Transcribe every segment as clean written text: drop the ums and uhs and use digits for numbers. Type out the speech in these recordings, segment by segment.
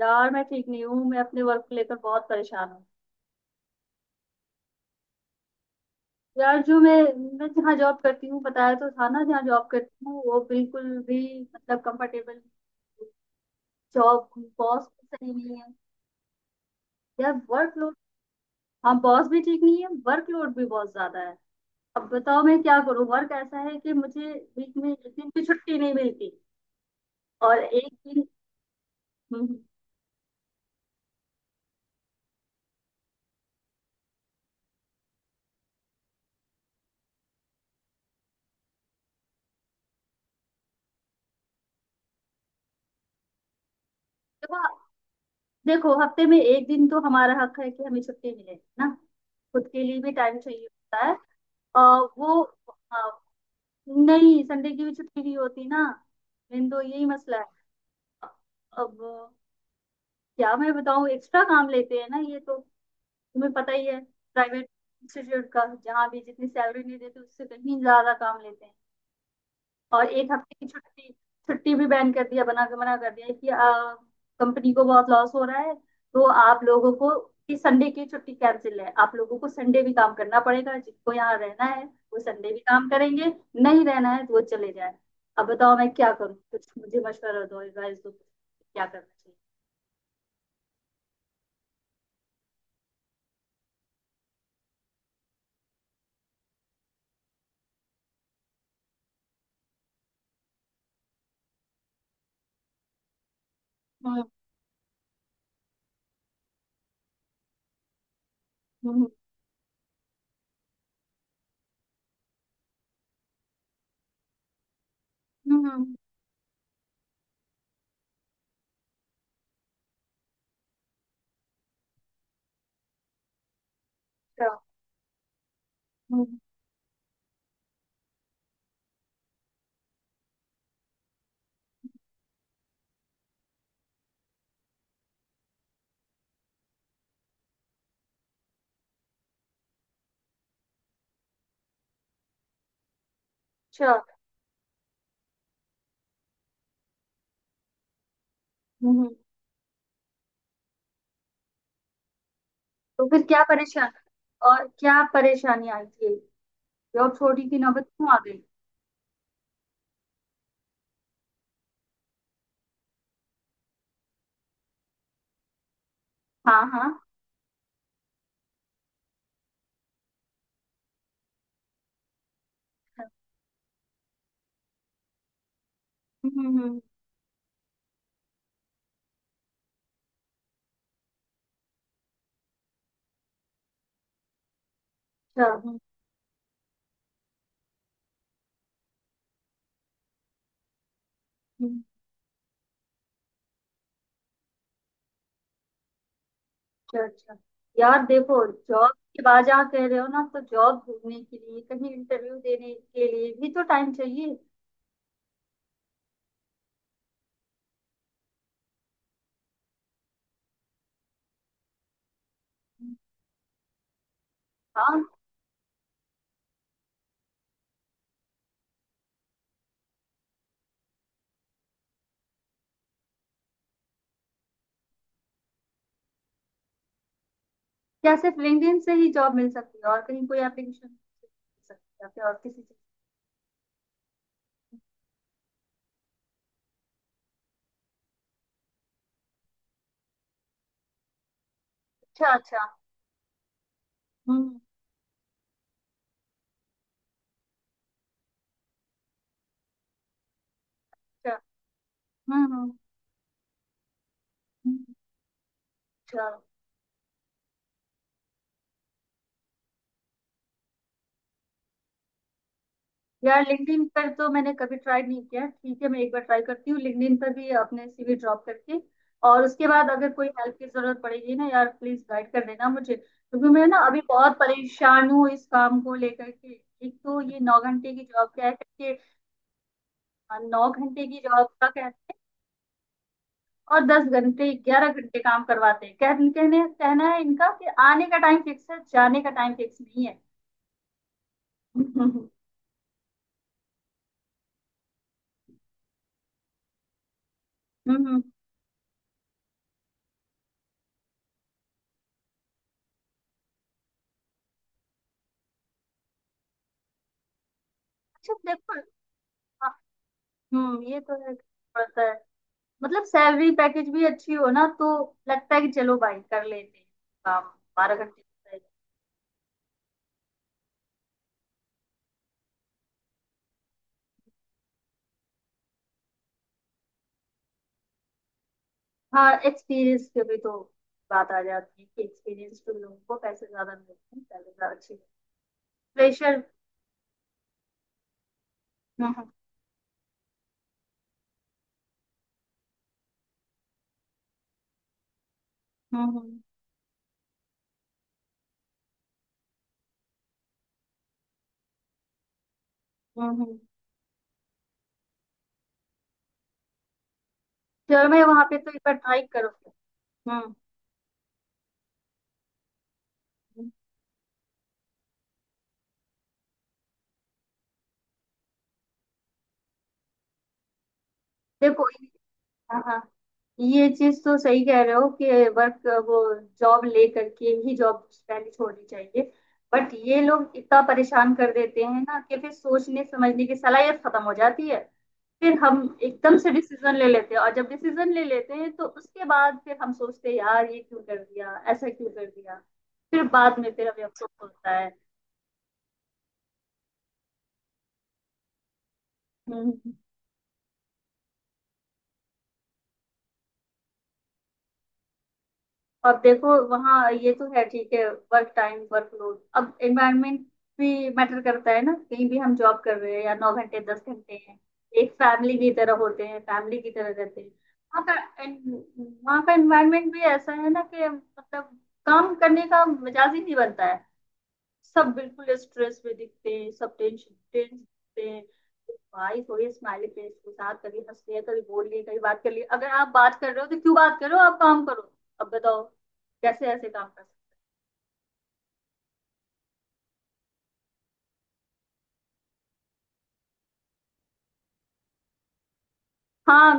यार मैं ठीक नहीं हूँ। मैं अपने वर्क को लेकर बहुत परेशान हूँ। यार जो मैं जहाँ जॉब करती हूँ बताया तो था ना, जहाँ जॉब करती हूँ वो बिल्कुल भी मतलब कंफर्टेबल जॉब। बॉस भी सही नहीं है, यार वर्कलोड। हाँ, बॉस भी ठीक नहीं है, वर्कलोड भी बहुत ज्यादा है। अब बताओ मैं क्या करूँ, वर्क ऐसा है कि मुझे वीक में एक दिन की छुट्टी नहीं मिलती, और एक दिन। हम्म, हम्म। देखो, देखो हफ्ते में एक दिन तो हमारा हक है कि हमें छुट्टी मिले ना। खुद के लिए भी टाइम चाहिए होता है। अ, वो। अ, नहीं, संडे की भी छुट्टी नहीं होती ना, मेन तो यही मसला है। अब क्या मैं बताऊं, एक्स्ट्रा काम लेते हैं ना ये तो, तुम्हें पता ही है। प्राइवेट इंस्टीट्यूट का जहाँ भी, जितनी सैलरी नहीं देते उससे कहीं ज्यादा काम लेते हैं। और एक हफ्ते की छुट्टी, छुट्टी भी बैन कर दिया, बना के मना कर दिया कि कंपनी को बहुत लॉस हो रहा है तो आप लोगों को, कि संडे की छुट्टी कैंसिल है, आप लोगों को संडे भी काम करना पड़ेगा। जिनको यहाँ रहना है वो संडे भी काम करेंगे, नहीं रहना है तो वो चले जाए। अब बताओ मैं क्या करूँ, कुछ मुझे मशवरा दो, एडवाइस दो, क्या करना चाहिए। हम्म, हम्म। हम्म। अच्छा। हम्म। अच्छा, हम्म। तो फिर क्या परेशान और क्या परेशानी आई थी, जॉब छोड़ी की नौबत क्यों आ गई? हाँ, हाँ। हम्म, अच्छा। हम्म। अच्छा, अच्छा। यार देखो जॉब की बात जहाँ कह रहे हो ना, तो जॉब ढूंढने के लिए कहीं इंटरव्यू देने के लिए भी तो टाइम चाहिए। हाँ। क्या सिर्फ लिंक्डइन से ही जॉब मिल सकती है, और कहीं कोई एप्लीकेशन मिल सकती है या फिर और किसी चीज? अच्छा, अच्छा। हम्म। अच्छा। हम्म, हम्म। अच्छा। यार लिंक्डइन पर तो मैंने कभी ट्राई नहीं किया। ठीक है, मैं एक बार ट्राई करती हूँ लिंक्डइन पर भी, अपने सीवी ड्रॉप करके। और उसके बाद अगर कोई हेल्प की जरूरत पड़ेगी ना यार, प्लीज गाइड कर देना मुझे, क्योंकि मैं ना अभी बहुत परेशान हूँ इस काम को लेकर के। एक तो ये नौ घंटे की जॉब क्या है करके। हाँ, नौ घंटे की जॉब का कहते हैं और दस घंटे, ग्यारह घंटे काम करवाते हैं। कह कहने कहना है इनका कि आने का टाइम फिक्स है, जाने का टाइम फिक्स नहीं है। हम्म, हम्म, हम्म। अच्छा, देखो। हाँ, हम्म, ये तो है, मतलब सैलरी पैकेज भी अच्छी हो ना तो लगता है कि चलो भाई कर लेते हैं काम, बारह घंटे का है। हाँ, एक्सपीरियंस पे भी तो बात आ जाती है कि एक्सपीरियंस तो लोगों को पैसे ज्यादा मिलते हैं, सैलरी ज्यादा अच्छी, प्रेशर। हम्म, हम्म। हम्म, हम्म। चलो, मैं वहां पे तो एक बार ट्राई करूंगी। हम्म। हम्म। देखो। हाँ, हाँ। ये चीज तो सही कह रहे हो कि वर्क, वो जॉब ले करके ही जॉब पहले छोड़नी चाहिए। बट ये लोग इतना परेशान कर देते हैं ना कि फिर सोचने समझने की सलाहियत खत्म हो जाती है। फिर हम एकदम से डिसीजन ले लेते हैं, और जब डिसीजन ले लेते हैं तो उसके बाद फिर हम सोचते हैं यार ये क्यों कर दिया, ऐसा क्यों कर दिया। फिर बाद में फिर हमें अफसोस होता है। हम्म। अब देखो वहाँ ये तो है, ठीक है। वर्क टाइम, वर्क लोड, अब एनवायरनमेंट भी मैटर करता है ना, कहीं भी हम जॉब कर रहे हैं या नौ घंटे, दस घंटे हैं। एक फैमिली की तरह होते हैं, फैमिली की तरह रहते हैं। वहाँ का एन- वहाँ का एनवायरनमेंट भी ऐसा है ना कि मतलब काम करने का मिजाज ही नहीं बनता है। सब बिल्कुल स्ट्रेस में दिखते हैं, सब टेंशन, टेंस दिखते हैं। भाई थोड़ी स्माइली फेस के साथ कभी हंस लिया, कभी बोल लिए, कभी बात कर लिए। अगर आप बात कर रहे हो तो क्यों बात करो, आप काम करो। अब बताओ कैसे ऐसे काम कर सकते। हाँ,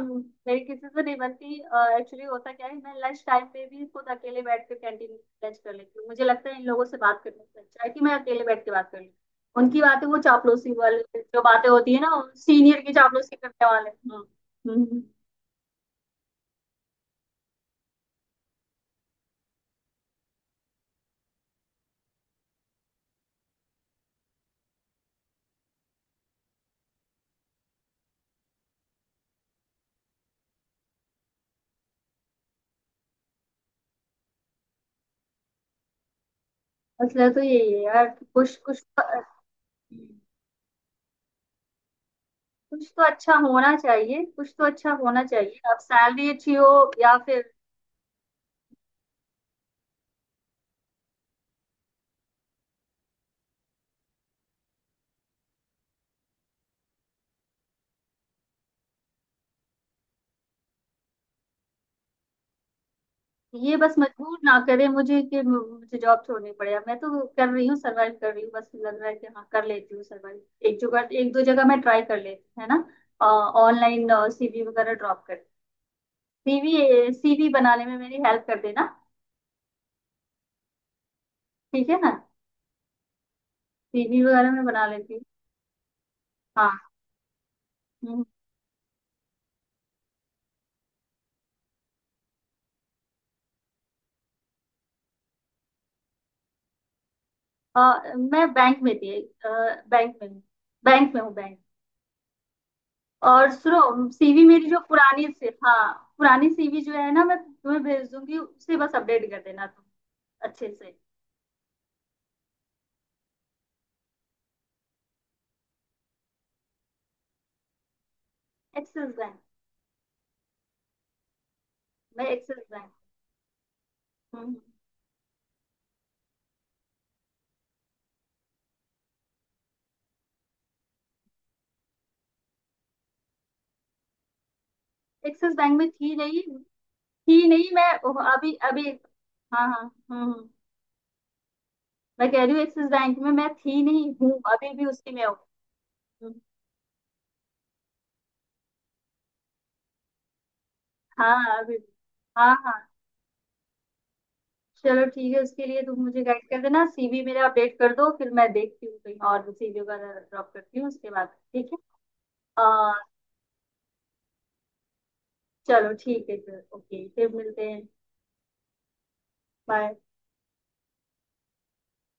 मेरी किसी से नहीं बनती, एक्चुअली होता क्या है, मैं लंच टाइम पे भी खुद अकेले बैठ कर कैंटीन में लंच कर लेती हूँ। मुझे लगता है इन लोगों से बात करने से अच्छा है कि मैं अकेले बैठ के बात कर लूँ। उनकी बातें, वो चापलूसी वाले जो बातें होती है ना, सीनियर की चापलूसी करने वाले। हम्म। हम्म, हम्म। मसला तो यही है यार कि कुछ, कुछ तो, कुछ तो अच्छा होना चाहिए। कुछ तो अच्छा होना चाहिए, अब सैलरी अच्छी हो या फिर ये, बस मजबूर ना करे मुझे कि मुझे जॉब छोड़नी पड़े। अब मैं तो कर रही हूँ, सरवाइव कर रही हूँ, बस लग रहा है कि हाँ कर लेती हूँ सरवाइव। एक जगह, एक दो जगह मैं ट्राई कर लेती हूँ, है ना। ऑनलाइन सीवी वगैरह ड्रॉप कर, सीवी, सीवी बनाने में मेरी हेल्प कर देना, ठीक है ना। सीवी वगैरह मैं बना लेती हूँ। हाँ। हम्म। मैं बैंक में थी। अ, बैंक में हूँ। बैंक में हूँ, बैंक। और सुनो सीवी मेरी जो पुरानी से, हाँ, पुरानी सीवी जो है ना, मैं तुम्हें भेज दूंगी, उसे बस अपडेट कर देना तुम अच्छे से। एक्सिस बैंक, मैं Axis bank. Hmm. Axis bank में थी नहीं, थी नहीं मैं, अभी अभी। हाँ, हाँ। हम्म, मैं कह रही हूँ एक्सिस बैंक में मैं थी नहीं, हूँ अभी भी, उसी में हूँ। हम्म। हाँ, अभी भी। हाँ, हाँ। चलो ठीक है, उसके लिए तुम मुझे गाइड कर देना। सीवी मेरा अपडेट कर दो, फिर मैं देखती हूँ कहीं और सीवी वगैरह ड्रॉप करती हूँ उसके बाद। ठीक है। आ, चलो ठीक है फिर, ओके, फिर मिलते हैं। बाय।